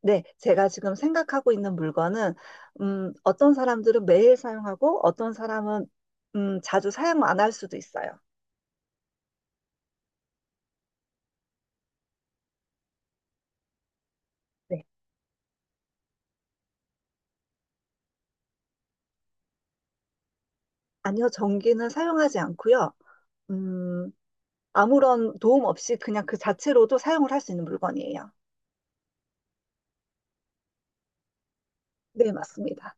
네, 제가 지금 생각하고 있는 물건은, 어떤 사람들은 매일 사용하고, 어떤 사람은, 자주 사용 안 할 수도 있어요. 네. 아니요, 전기는 사용하지 않고요. 음, 아무런 도움 없이 그냥 그 자체로도 사용을 할 수 있는 물건이에요. 네, 맞습니다.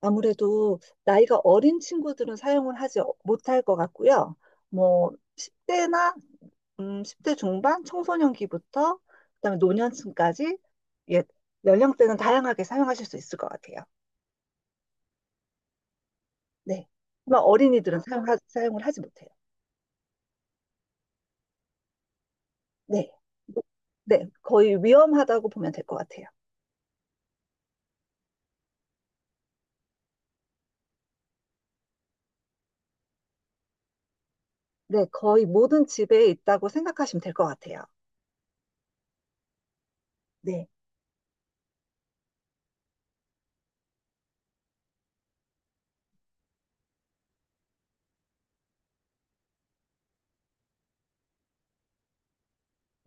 아무래도 나이가 어린 친구들은 사용을 하지 못할 것 같고요. 뭐, 10대나 10대 중반 청소년기부터 그다음에 노년층까지 예, 연령대는 다양하게 사용하실 수 있을 것 같아요. 네. 하지만 어린이들은 사용을 하지 못해요. 네. 네, 거의 위험하다고 보면 될 것 같아요. 네, 거의 모든 집에 있다고 생각하시면 될 것 같아요. 네.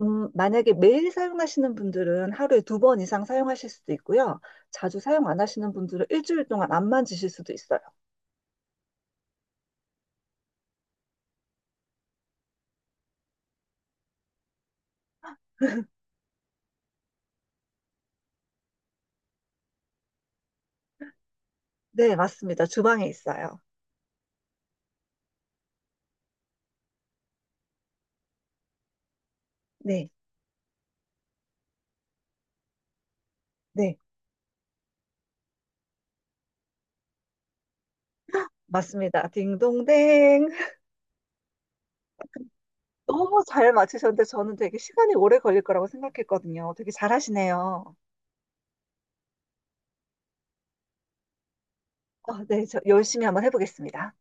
만약에 매일 사용하시는 분들은 하루에 두 번 이상 사용하실 수도 있고요. 자주 사용 안 하시는 분들은 일주일 동안 안 만지실 수도 있어요. 네, 맞습니다. 주방에 있어요. 네, 네. 맞습니다. 딩동댕. 너무 잘 맞추셨는데 저는 되게 시간이 오래 걸릴 거라고 생각했거든요. 되게 잘하시네요. 아, 네, 저 열심히 한번 해보겠습니다.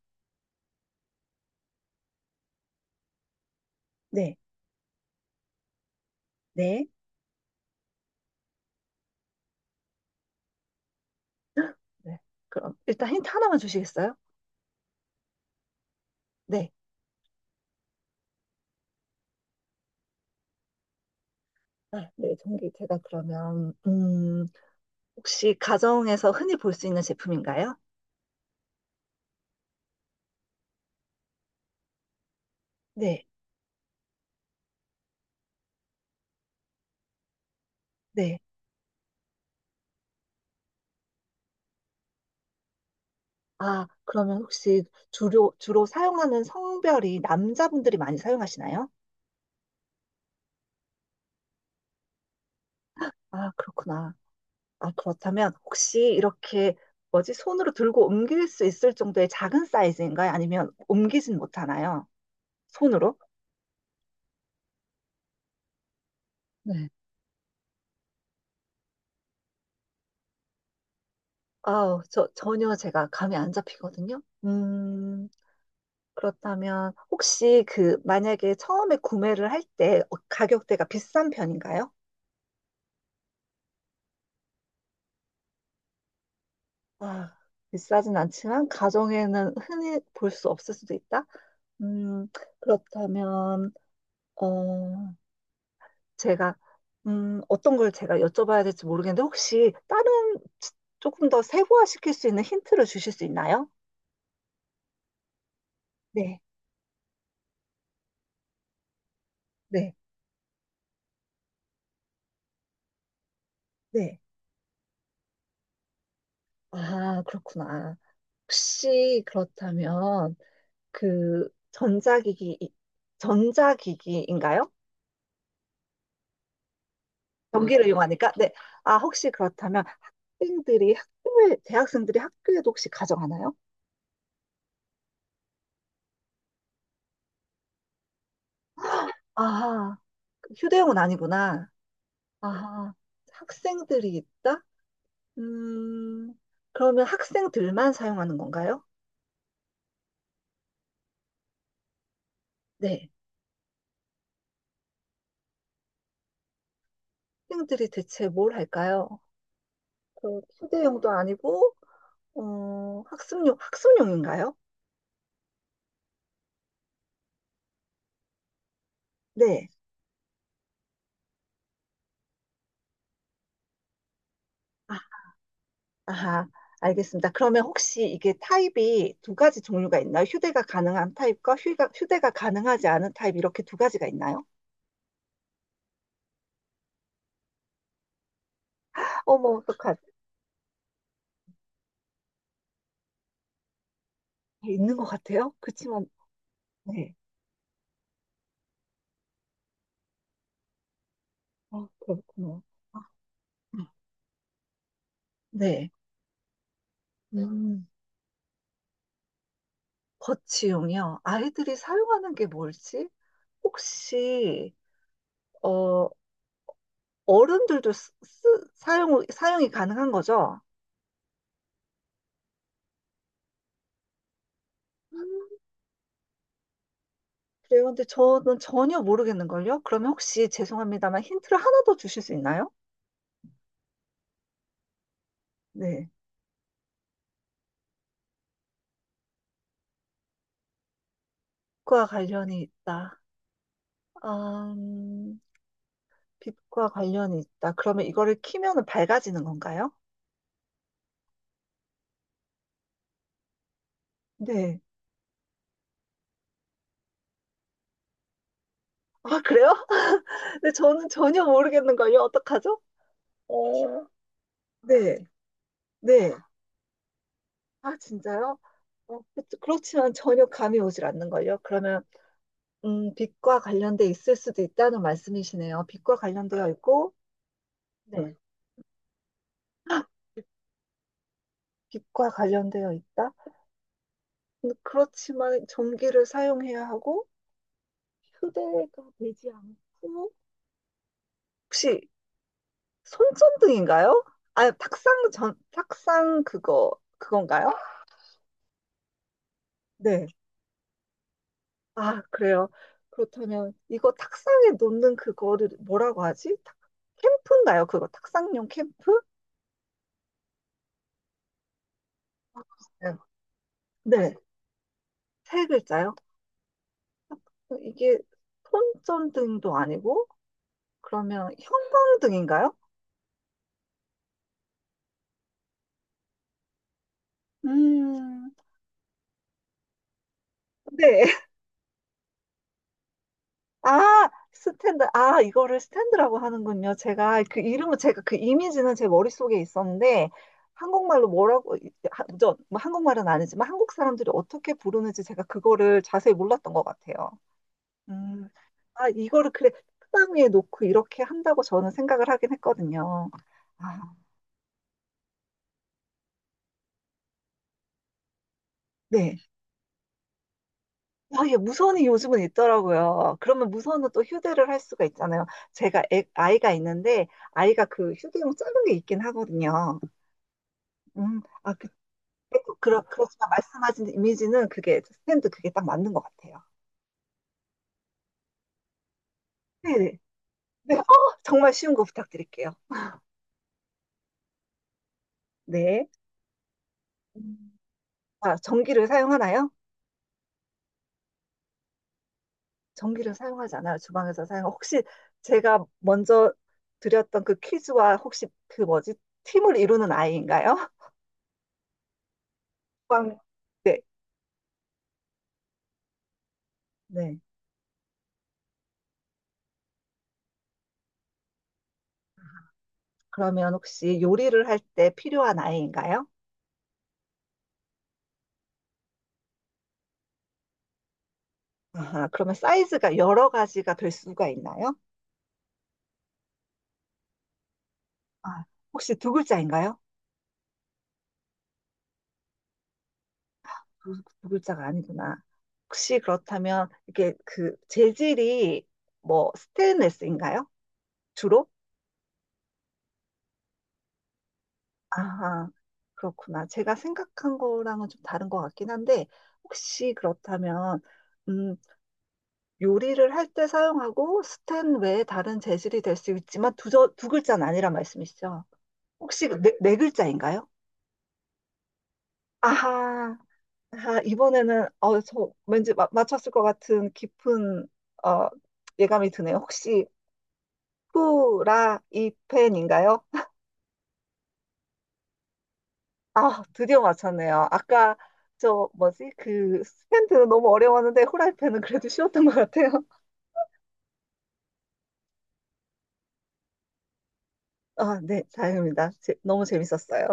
네, 네. 네. 그럼 일단 힌트 하나만 주시겠어요? 네. 아, 네, 전기 제가 그러면 혹시 가정에서 흔히 볼 수 있는 제품인가요? 네, 네. 아, 그러면 혹시 주로 사용하는 성별이 남자분들이 많이 사용하시나요? 아, 그렇구나. 아, 그렇다면 혹시 이렇게 뭐지? 손으로 들고 옮길 수 있을 정도의 작은 사이즈인가요? 아니면 옮기진 못하나요? 손으로? 네. 아우, 저 전혀 제가 감이 안 잡히거든요. 그렇다면 혹시 그 만약에 처음에 구매를 할 때 가격대가 비싼 편인가요? 아, 비싸진 않지만 가정에는 흔히 볼 수 없을 수도 있다. 음, 그렇다면 어, 제가 어떤 걸 제가 여쭤봐야 될지 모르겠는데 혹시 다른 조금 더 세부화시킬 수 있는 힌트를 주실 수 있나요? 네, 네, 네. 아, 그렇구나. 혹시 그렇다면 그 전자기기인가요? 전기를 이용하니까 네. 아, 혹시 그렇다면 학생들이 학교에 대학생들이 학교에도 혹시 가져가나요? 아, 휴대용은 아니구나. 아, 학생들이 있다? 음, 그러면 학생들만 사용하는 건가요? 네. 학생들이 대체 뭘 할까요? 그 휴대용도 아니고, 어, 학습용인가요? 네. 아, 아하, 알겠습니다. 그러면 혹시 이게 타입이 두 가지 종류가 있나요? 휴대가 가능한 타입과 휴대가 가능하지 않은 타입 이렇게 두 가지가 있나요? 어머, 어떡하지? 있는 것 같아요. 그렇지만, 네. 아, 그렇구나. 아, 네. 음, 거치용이요. 아이들이 사용하는 게 뭘지? 혹시 어 사용이 가능한 거죠? 그래요. 근데 저는 전혀 모르겠는걸요. 그러면 혹시 죄송합니다만 힌트를 하나 더 주실 수 있나요? 네. 빛과 관련이 있다. 음, 빛과 관련이 있다. 그러면 이거를 키면은 밝아지는 건가요? 네. 아, 그래요? 근데 저는 전혀 모르겠는걸요. 어떡하죠? 어, 네. 네. 아, 진짜요? 어, 그렇지만 전혀 감이 오질 않는걸요. 그러면 빛과 관련돼 있을 수도 있다는 말씀이시네요. 빛과 관련되어 있고, 네. 빛과 관련되어 있다. 근데 그렇지만 전기를 사용해야 하고, 휴대가 되지 않고, 혹시 손전등인가요? 아, 탁상 그거, 그건가요? 네. 아, 그래요. 그렇다면, 이거 탁상에 놓는 그거를 뭐라고 하지? 캠프인가요? 그거 탁상용 캠프? 네. 네. 세 글자요? 이게 손전등도 아니고 그러면 형광등인가요? 음, 네. 아, 스탠드. 아, 이거를 스탠드라고 하는군요. 제가 그 이미지는 제 머릿속에 있었는데 한국말로 뭐라고 저, 뭐 한국말은 아니지만 한국 사람들이 어떻게 부르는지 제가 그거를 자세히 몰랐던 것 같아요. 음. 아, 이거를 그래 책상 위에 놓고 이렇게 한다고 저는 생각을 하긴 했거든요. 아, 네. 아, 예, 무선이 요즘은 있더라고요. 그러면 무선은 또 휴대를 할 수가 있잖아요. 제가 아이가 있는데, 아이가 그 휴대용 작은 게 있긴 하거든요. 아, 그렇지만 말씀하신 이미지는 그게, 스탠드 그게 딱 맞는 것 같아요. 네네. 네, 네, 어, 정말 쉬운 거 부탁드릴게요. 네. 음. 아, 전기를 사용하나요? 전기를 사용하지 않아요. 주방에서 사용. 혹시 제가 먼저 드렸던 그 퀴즈와 혹시 그 뭐지? 팀을 이루는 아이인가요? 주방, 네. 네. 그러면 혹시 요리를 할 때 필요한 아이인가요? 아하, 그러면 사이즈가 여러 가지가 될 수가 있나요? 아, 혹시 두 글자인가요? 두 글자가 아니구나. 혹시 그렇다면 이게 그 재질이 뭐 스테인레스인가요? 주로? 아하, 그렇구나. 제가 생각한 거랑은 좀 다른 것 같긴 한데 혹시 그렇다면 음, 요리를 할 때 사용하고 스텐 외에 다른 재질이 될 수 있지만 두 글자는 아니란 말씀이시죠? 혹시 네, 네 글자인가요? 아하, 아하, 이번에는 저 왠지 맞췄을 것 같은 깊은 어, 예감이 드네요. 혹시 후라이팬인가요? 아, 드디어 맞췄네요. 아까 저 뭐지? 그 스탠드는 너무 어려웠는데 후라이팬은 그래도 쉬웠던 것 같아요. 아, 네, 다행입니다. 너무 재밌었어요.